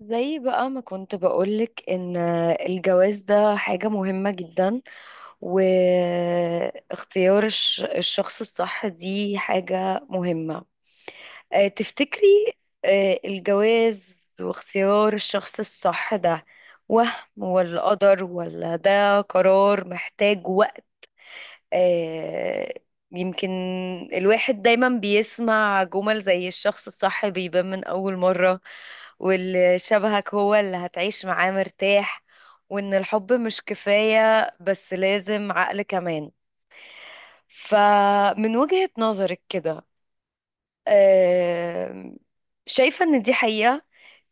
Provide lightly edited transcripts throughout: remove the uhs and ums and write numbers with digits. زي بقى ما كنت بقولك ان الجواز ده حاجة مهمة جدا، واختيار الشخص الصح دي حاجة مهمة. تفتكري الجواز واختيار الشخص الصح ده وهم ولا قدر، ولا ده قرار محتاج وقت؟ آه، يمكن. الواحد دايما بيسمع جمل زي الشخص الصح بيبان من أول مرة، واللي شبهك هو اللي هتعيش معاه مرتاح، وإن الحب مش كفاية بس لازم عقل كمان. فمن وجهة نظرك كده، آم، شايفة ان دي حقيقة؟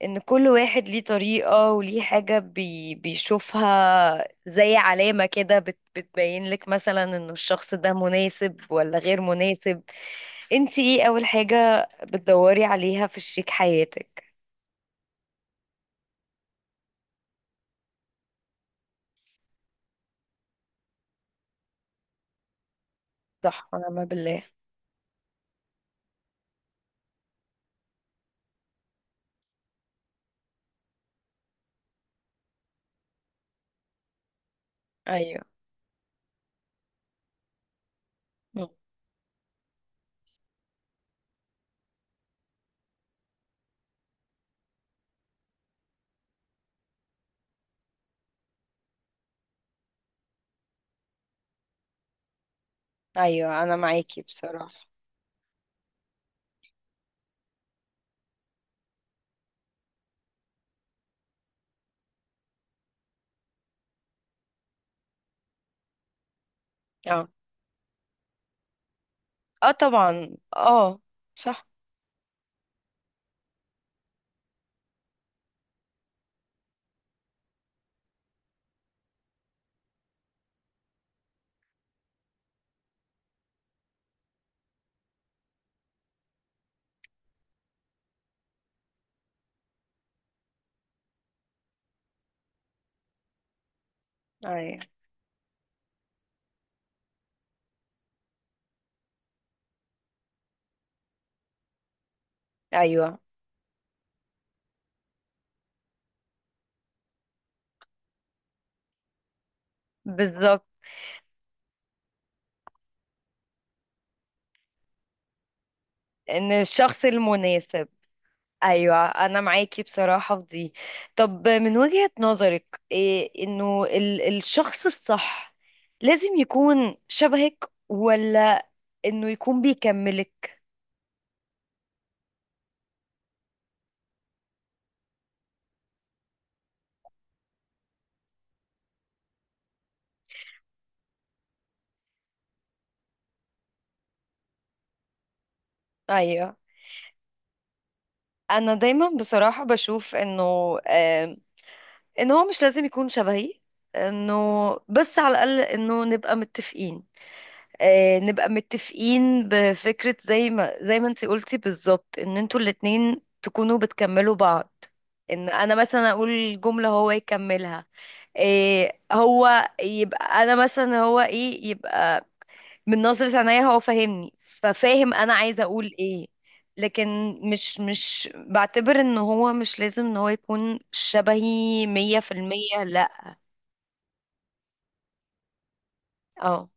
ان كل واحد ليه طريقة وليه حاجة بيشوفها زي علامة كده بتبين لك مثلا ان الشخص ده مناسب ولا غير مناسب. انتي ايه اول حاجة بتدوري عليها في شريك حياتك؟ صح ونعم بالله. ايوه. مم. ايوه انا معاكي بصراحة. اه. اه طبعا اه. صح. ايوه. ايوه. بالظبط، ان الشخص المناسب. ايوه انا معاكي بصراحه في دي. طب من وجهه نظرك إيه انه الشخص الصح لازم يكون شبهك، ولا انه يكون بيكملك؟ ايوه، انا دايما بصراحه بشوف انه آم، ان هو مش لازم يكون شبهي، انه، بس على الاقل انه نبقى متفقين. نبقى متفقين بفكرة زي ما انتي قلتي بالظبط، ان انتوا الاتنين تكونوا بتكملوا بعض. ان انا مثلا اقول جملة هو يكملها. إيه هو يبقى انا مثلا هو ايه يبقى، من نظرة عينيا هو فاهمني، ففاهم انا عايزة اقول ايه. لكن مش بعتبر ان هو مش لازم ان هو يكون شبهي مية في المية، لا. اه.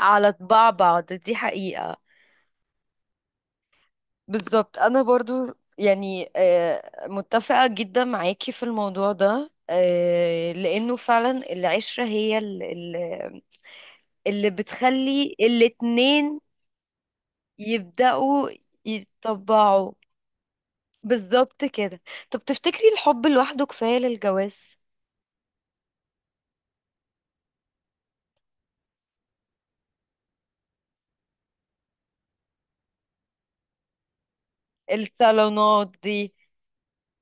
على طباع بعض دي حقيقة. بالظبط، انا برضو يعني متفقة جدا معاكي في الموضوع ده. لانه فعلا العشرة هي اللي بتخلي الاتنين يبدأوا يتطبعوا. بالظبط كده. طب تفتكري الحب لوحده كفاية للجواز؟ الصالونات دي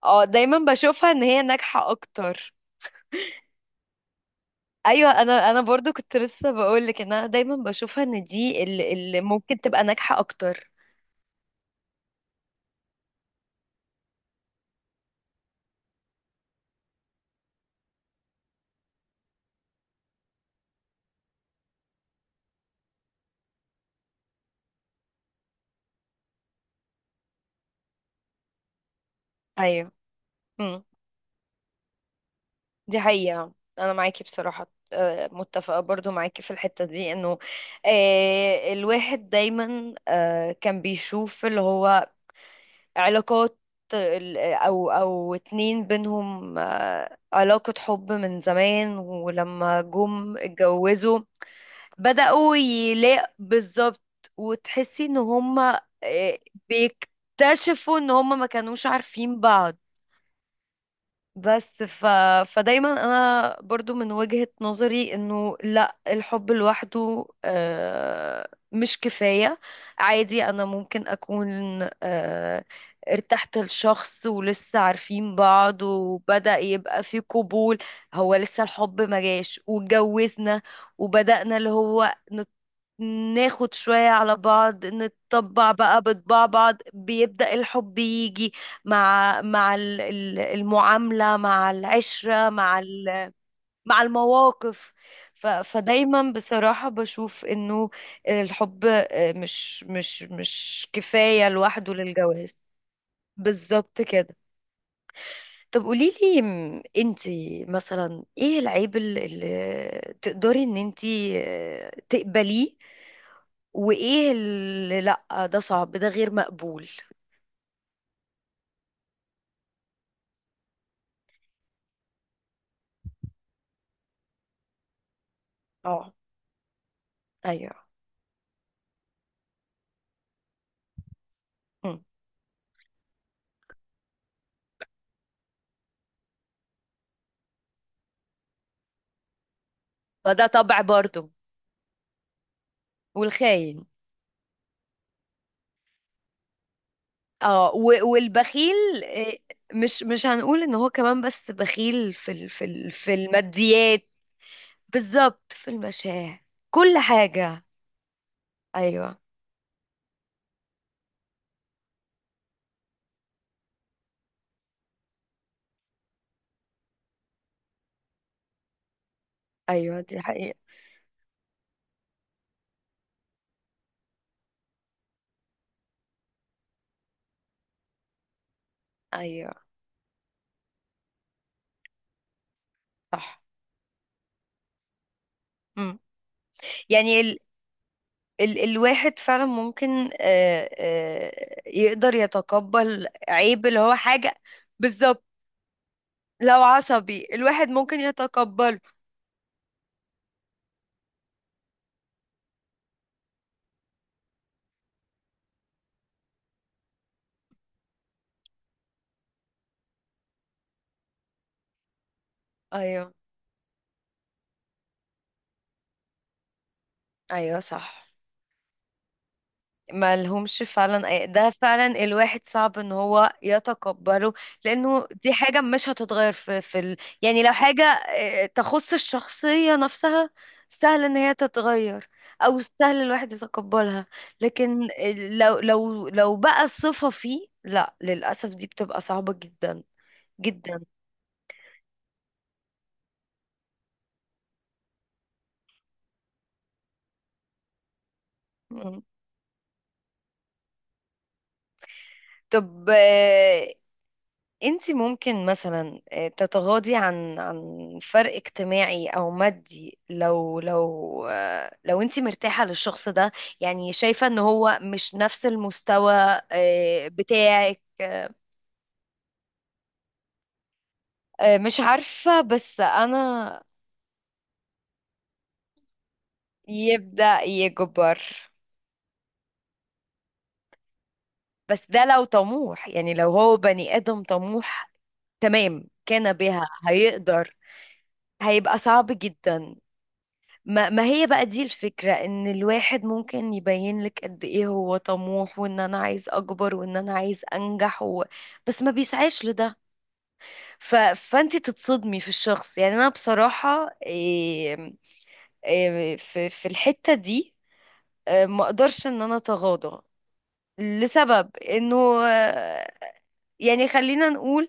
اه، دايما بشوفها ان هي ناجحة اكتر. ايوه، انا برضو كنت لسه بقولك ان انا دايما بشوفها ان دي اللي ممكن تبقى ناجحة اكتر. ايوه دي حقيقة. أنا معاكي بصراحة. متفقة برضو معاكي في الحتة دي، إنه الواحد دايما كان بيشوف اللي هو علاقات، أو اتنين بينهم علاقة حب من زمان، ولما جم اتجوزوا بدأوا يلاقوا بالظبط، وتحسي إن هما بيكتشفوا إن هما ما كانوش عارفين بعض. بس ف... فدايما انا برضو من وجهة نظري انه لا، الحب لوحده مش كفاية. عادي انا ممكن اكون آه، ارتحت لشخص ولسه عارفين بعض وبدأ يبقى في قبول، هو لسه الحب ما جاش واتجوزنا، وبدأنا اللي هو ناخد شوية على بعض، نتطبع بقى بطباع بعض، بيبدأ الحب يجي مع المعاملة، مع العشرة، مع المواقف. فدايما بصراحة بشوف انه الحب مش كفاية لوحده للجواز. بالظبط كده. طب قوليلي، انتي مثلا ايه العيب اللي تقدري ان انتي تقبليه، وايه اللي لا، ده صعب ده غير مقبول؟ اه. ايوه. مم. فده طبع برضو. والخاين. اه، والبخيل مش هنقول ان هو كمان بس بخيل في ال في ال في الماديات. بالظبط في المشاعر. كل حاجة. ايوه. ايوه دي حقيقة. ايوه صح. مم. يعني ال ال الواحد فعلا ممكن يقدر يتقبل عيب اللي هو حاجة. بالظبط. لو عصبي الواحد ممكن يتقبله. ايوه. ايوه صح. ما لهمش فعلا، ده فعلا الواحد صعب ان هو يتقبله، لانه دي حاجة مش هتتغير في يعني لو حاجة تخص الشخصية نفسها، سهل ان هي تتغير، او سهل الواحد يتقبلها. لكن لو بقى صفة فيه، لا للأسف دي بتبقى صعبة جدا جدا. مم. طب انت ممكن مثلا تتغاضي عن عن فرق اجتماعي او مادي، لو انت مرتاحة للشخص ده؟ يعني شايفة ان هو مش نفس المستوى بتاعك. مش عارفة بس انا. يبدأ يكبر. بس ده لو طموح، يعني لو هو بني آدم طموح تمام كان بها، هيقدر. هيبقى صعب جدا. ما ما هي بقى دي الفكرة، ان الواحد ممكن يبين لك قد ايه هو طموح وان انا عايز اكبر وان انا عايز انجح و... بس ما بيسعاش لده. فانت تتصدمي في الشخص. يعني انا بصراحة في... في الحتة دي ما اقدرش ان انا اتغاضى، لسبب انه آه، يعني خلينا نقول،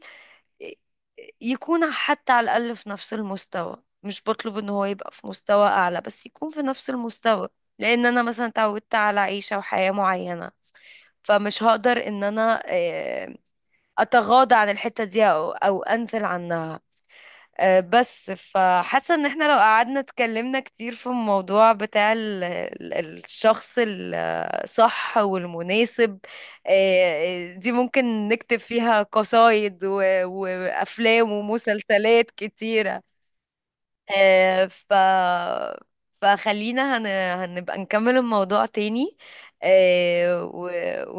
يكون حتى على الأقل في نفس المستوى، مش بطلب ان هو يبقى في مستوى أعلى، بس يكون في نفس المستوى. لأن أنا مثلا اتعودت على عيشة وحياة معينة، فمش هقدر ان انا اتغاضى عن الحتة دي او او انزل عنها. بس فحاسه ان احنا لو قعدنا اتكلمنا كتير في الموضوع بتاع الشخص الصح والمناسب، دي ممكن نكتب فيها قصايد وافلام ومسلسلات كتيره. آه، ف فخلينا هنبقى نكمل الموضوع تاني، آه، و...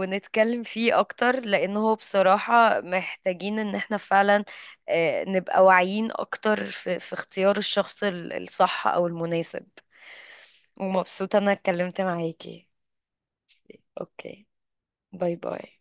ونتكلم فيه اكتر، لانه هو بصراحة محتاجين ان احنا فعلا نبقى واعيين اكتر في... في اختيار الشخص الصح او المناسب. ومبسوطة انا اتكلمت معاكي. اوكي. باي باي.